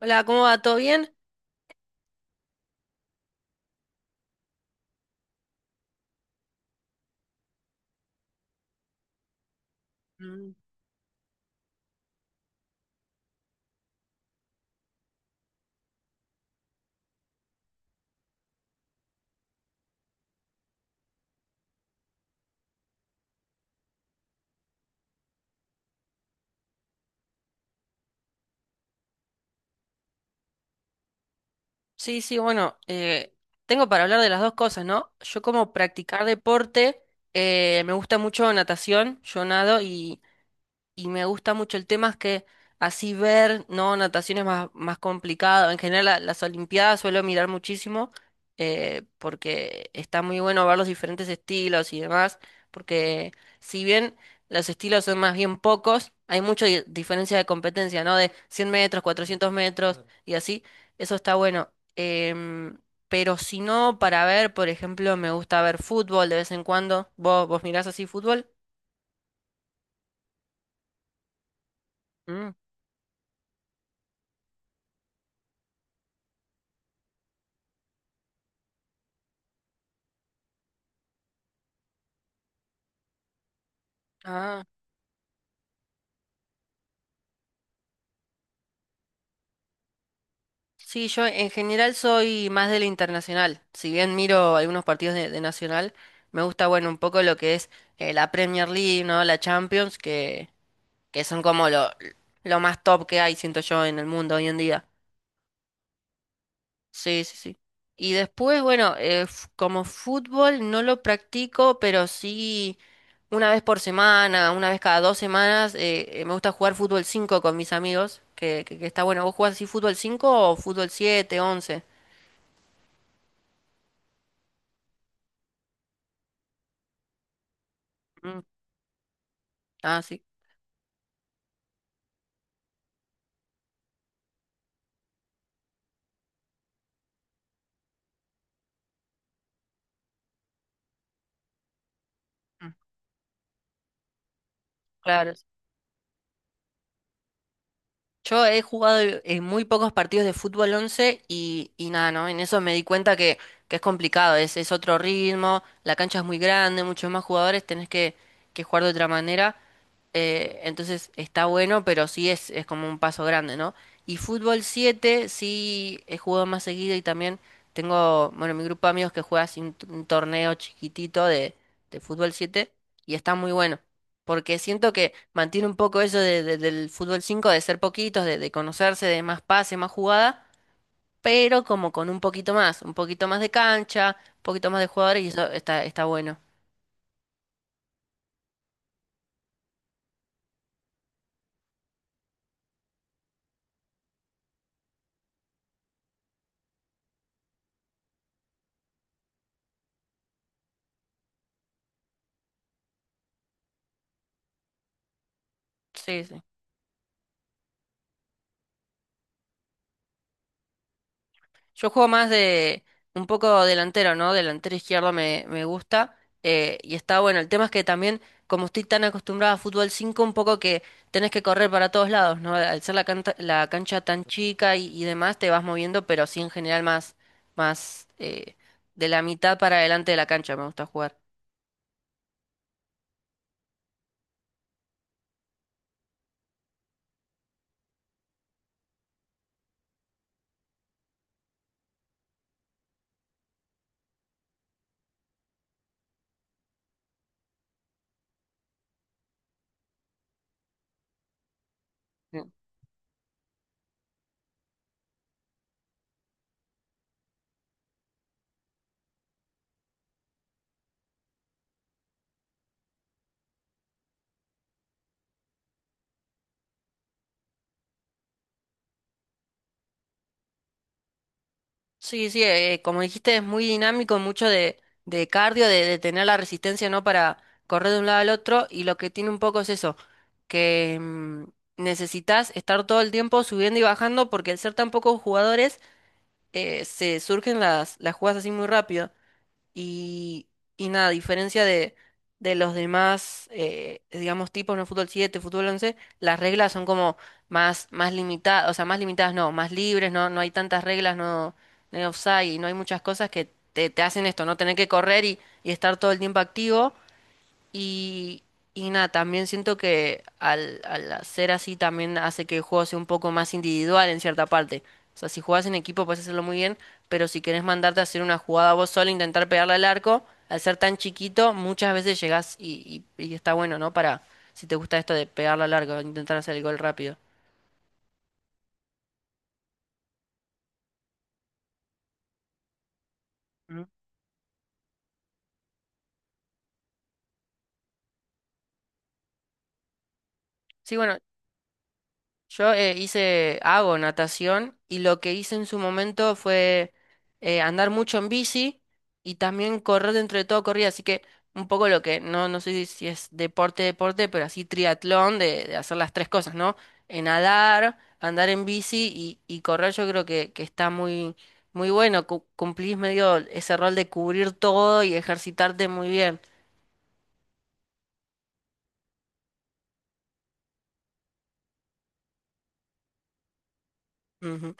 Hola, ¿cómo va? ¿Todo bien? Sí, sí, bueno, tengo para hablar de las dos cosas, ¿no? Yo como practicar deporte, me gusta mucho natación, yo nado y me gusta mucho. El tema es que así ver, ¿no? Natación es más complicado. En general las Olimpiadas suelo mirar muchísimo, porque está muy bueno ver los diferentes estilos y demás, porque si bien los estilos son más bien pocos, hay mucha diferencia de competencia, ¿no? De 100 metros, 400 metros y así. Eso está bueno. Pero si no, para ver, por ejemplo, me gusta ver fútbol de vez en cuando. ¿Vos mirás así fútbol? Mm. Ah. Sí, yo en general soy más de la internacional. Si bien miro algunos partidos de nacional, me gusta, bueno, un poco lo que es la Premier League, ¿no? La Champions, que son como lo más top que hay, siento yo, en el mundo hoy en día. Sí, sí, sí. Y después, bueno, como fútbol no lo practico, pero sí una vez por semana, una vez cada dos semanas, me gusta jugar fútbol 5 con mis amigos, que está bueno. ¿Vos jugás así fútbol 5 o fútbol siete, once? Ah, sí. Mm, claro. Yo he jugado en muy pocos partidos de fútbol 11 y nada, ¿no? En eso me di cuenta que es complicado, es otro ritmo, la cancha es muy grande, muchos más jugadores, que jugar de otra manera. Entonces está bueno, pero sí es como un paso grande, ¿no? Y fútbol 7 sí he jugado más seguido y también tengo, bueno, mi grupo de amigos que juega así un, un torneo chiquitito de fútbol 7 y está muy bueno. Porque siento que mantiene un poco eso del fútbol 5 de ser poquitos, de conocerse, de más pase, más jugada, pero como con un poquito más de cancha, un poquito más de jugadores y eso está, está bueno. Sí, sí. Yo juego más de un poco delantero, ¿no? Delantero izquierdo me gusta. Y está bueno. El tema es que también, como estoy tan acostumbrado a fútbol 5 un poco que tenés que correr para todos lados, ¿no? Al ser la la cancha tan chica y demás, te vas moviendo, pero sí en general más, más de la mitad para adelante de la cancha me gusta jugar. Sí, sí, como dijiste, es muy dinámico, mucho de cardio, de tener la resistencia, ¿no? Para correr de un lado al otro. Y lo que tiene un poco es eso, que necesitas estar todo el tiempo subiendo y bajando, porque al ser tan pocos jugadores, se surgen las jugadas así muy rápido. Y, y nada, a diferencia de los demás, digamos, tipos, ¿no? Fútbol 7 fútbol 11 las reglas son como más, más limitadas, o sea, más limitadas no, más libres, no, no hay tantas reglas, no, no hay offside, y no hay muchas cosas que te hacen esto, no tener que correr y estar todo el tiempo activo. Y, y nada, también siento que al hacer así también hace que el juego sea un poco más individual en cierta parte. O sea, si jugás en equipo puedes hacerlo muy bien, pero si querés mandarte a hacer una jugada vos solo, intentar pegarle al arco, al ser tan chiquito, muchas veces llegás y, y está bueno, ¿no? Para, si te gusta esto de pegarle al arco, intentar hacer el gol rápido. Mm. Sí, bueno, yo hice, hago natación y lo que hice en su momento fue andar mucho en bici y también correr dentro de todo corrida, así que un poco lo que, no, no sé si es deporte, deporte, pero así triatlón de hacer las tres cosas, ¿no? Nadar, andar en bici y correr yo creo que está muy, muy bueno, cumplís medio ese rol de cubrir todo y ejercitarte muy bien. Ujú,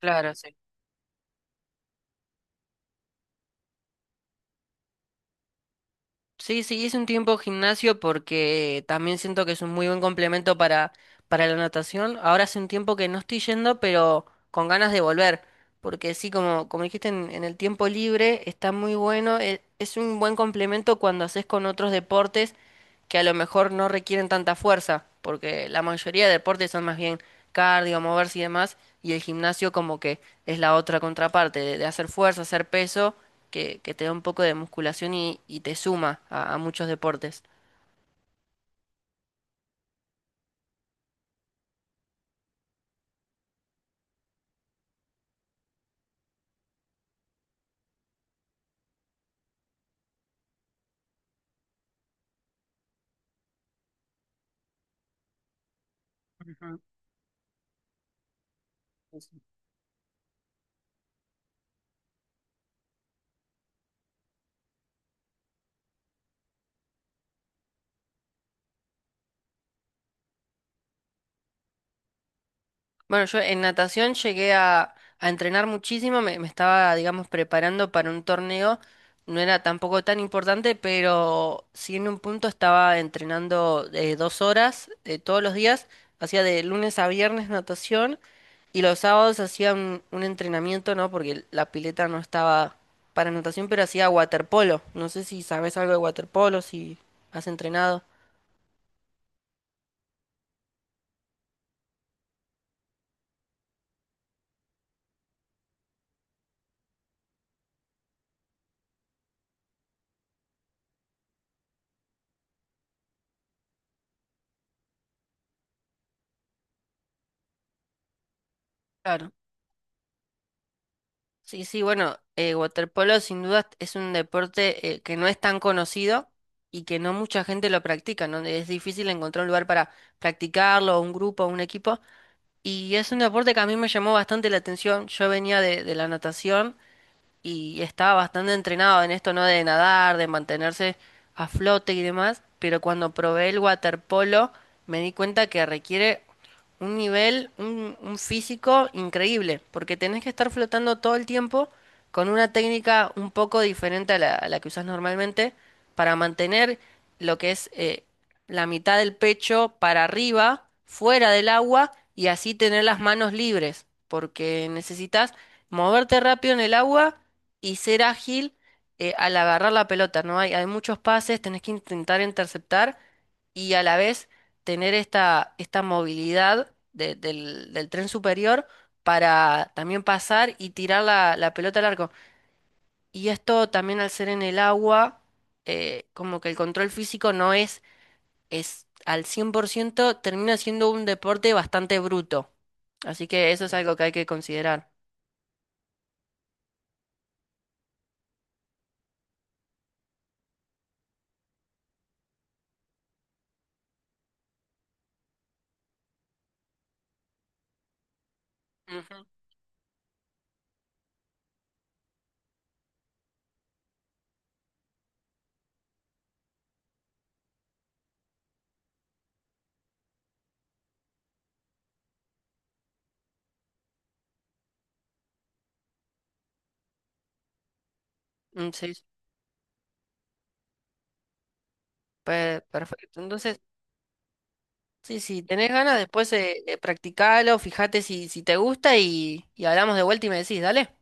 claro, sí. Sí, sí, hice un tiempo gimnasio porque también siento que es un muy buen complemento para la natación. Ahora hace un tiempo que no estoy yendo, pero con ganas de volver. Porque sí, como, como dijiste, en el tiempo libre está muy bueno. Es un buen complemento cuando haces con otros deportes que a lo mejor no requieren tanta fuerza. Porque la mayoría de deportes son más bien cardio, moverse y demás. Y el gimnasio como que es la otra contraparte, de hacer fuerza, hacer peso que te da un poco de musculación y te suma a muchos deportes. Bueno, yo en natación llegué a entrenar muchísimo, me estaba, digamos, preparando para un torneo, no era tampoco tan importante, pero sí en un punto estaba entrenando 2 horas todos los días, hacía de lunes a viernes natación. Y los sábados hacía un entrenamiento, ¿no? Porque la pileta no estaba para natación, pero hacía waterpolo. No sé si sabes algo de waterpolo, si has entrenado. Claro. Sí, sí, bueno, waterpolo sin duda es un deporte que no es tan conocido y que no mucha gente lo practica, ¿no? Es difícil encontrar un lugar para practicarlo, un grupo, un equipo. Y es un deporte que a mí me llamó bastante la atención. Yo venía de la natación y estaba bastante entrenado en esto, ¿no? De nadar, de mantenerse a flote y demás, pero cuando probé el waterpolo me di cuenta que requiere un nivel, un físico increíble, porque tenés que estar flotando todo el tiempo con una técnica un poco diferente a a la que usás normalmente para mantener lo que es la mitad del pecho para arriba, fuera del agua y así tener las manos libres, porque necesitas moverte rápido en el agua y ser ágil al agarrar la pelota, ¿no? Hay muchos pases, tenés que intentar interceptar y a la vez tener esta, esta movilidad del, del tren superior para también pasar y tirar la, la pelota al arco. Y esto también al ser en el agua, como que el control físico no es al 100%. Termina siendo un deporte bastante bruto. Así que eso es algo que hay que considerar. Ujú. Mm, sí, perfecto. Entonces... Sí, si tenés ganas, después practicalo, fíjate si, si te gusta y hablamos de vuelta y me decís, dale.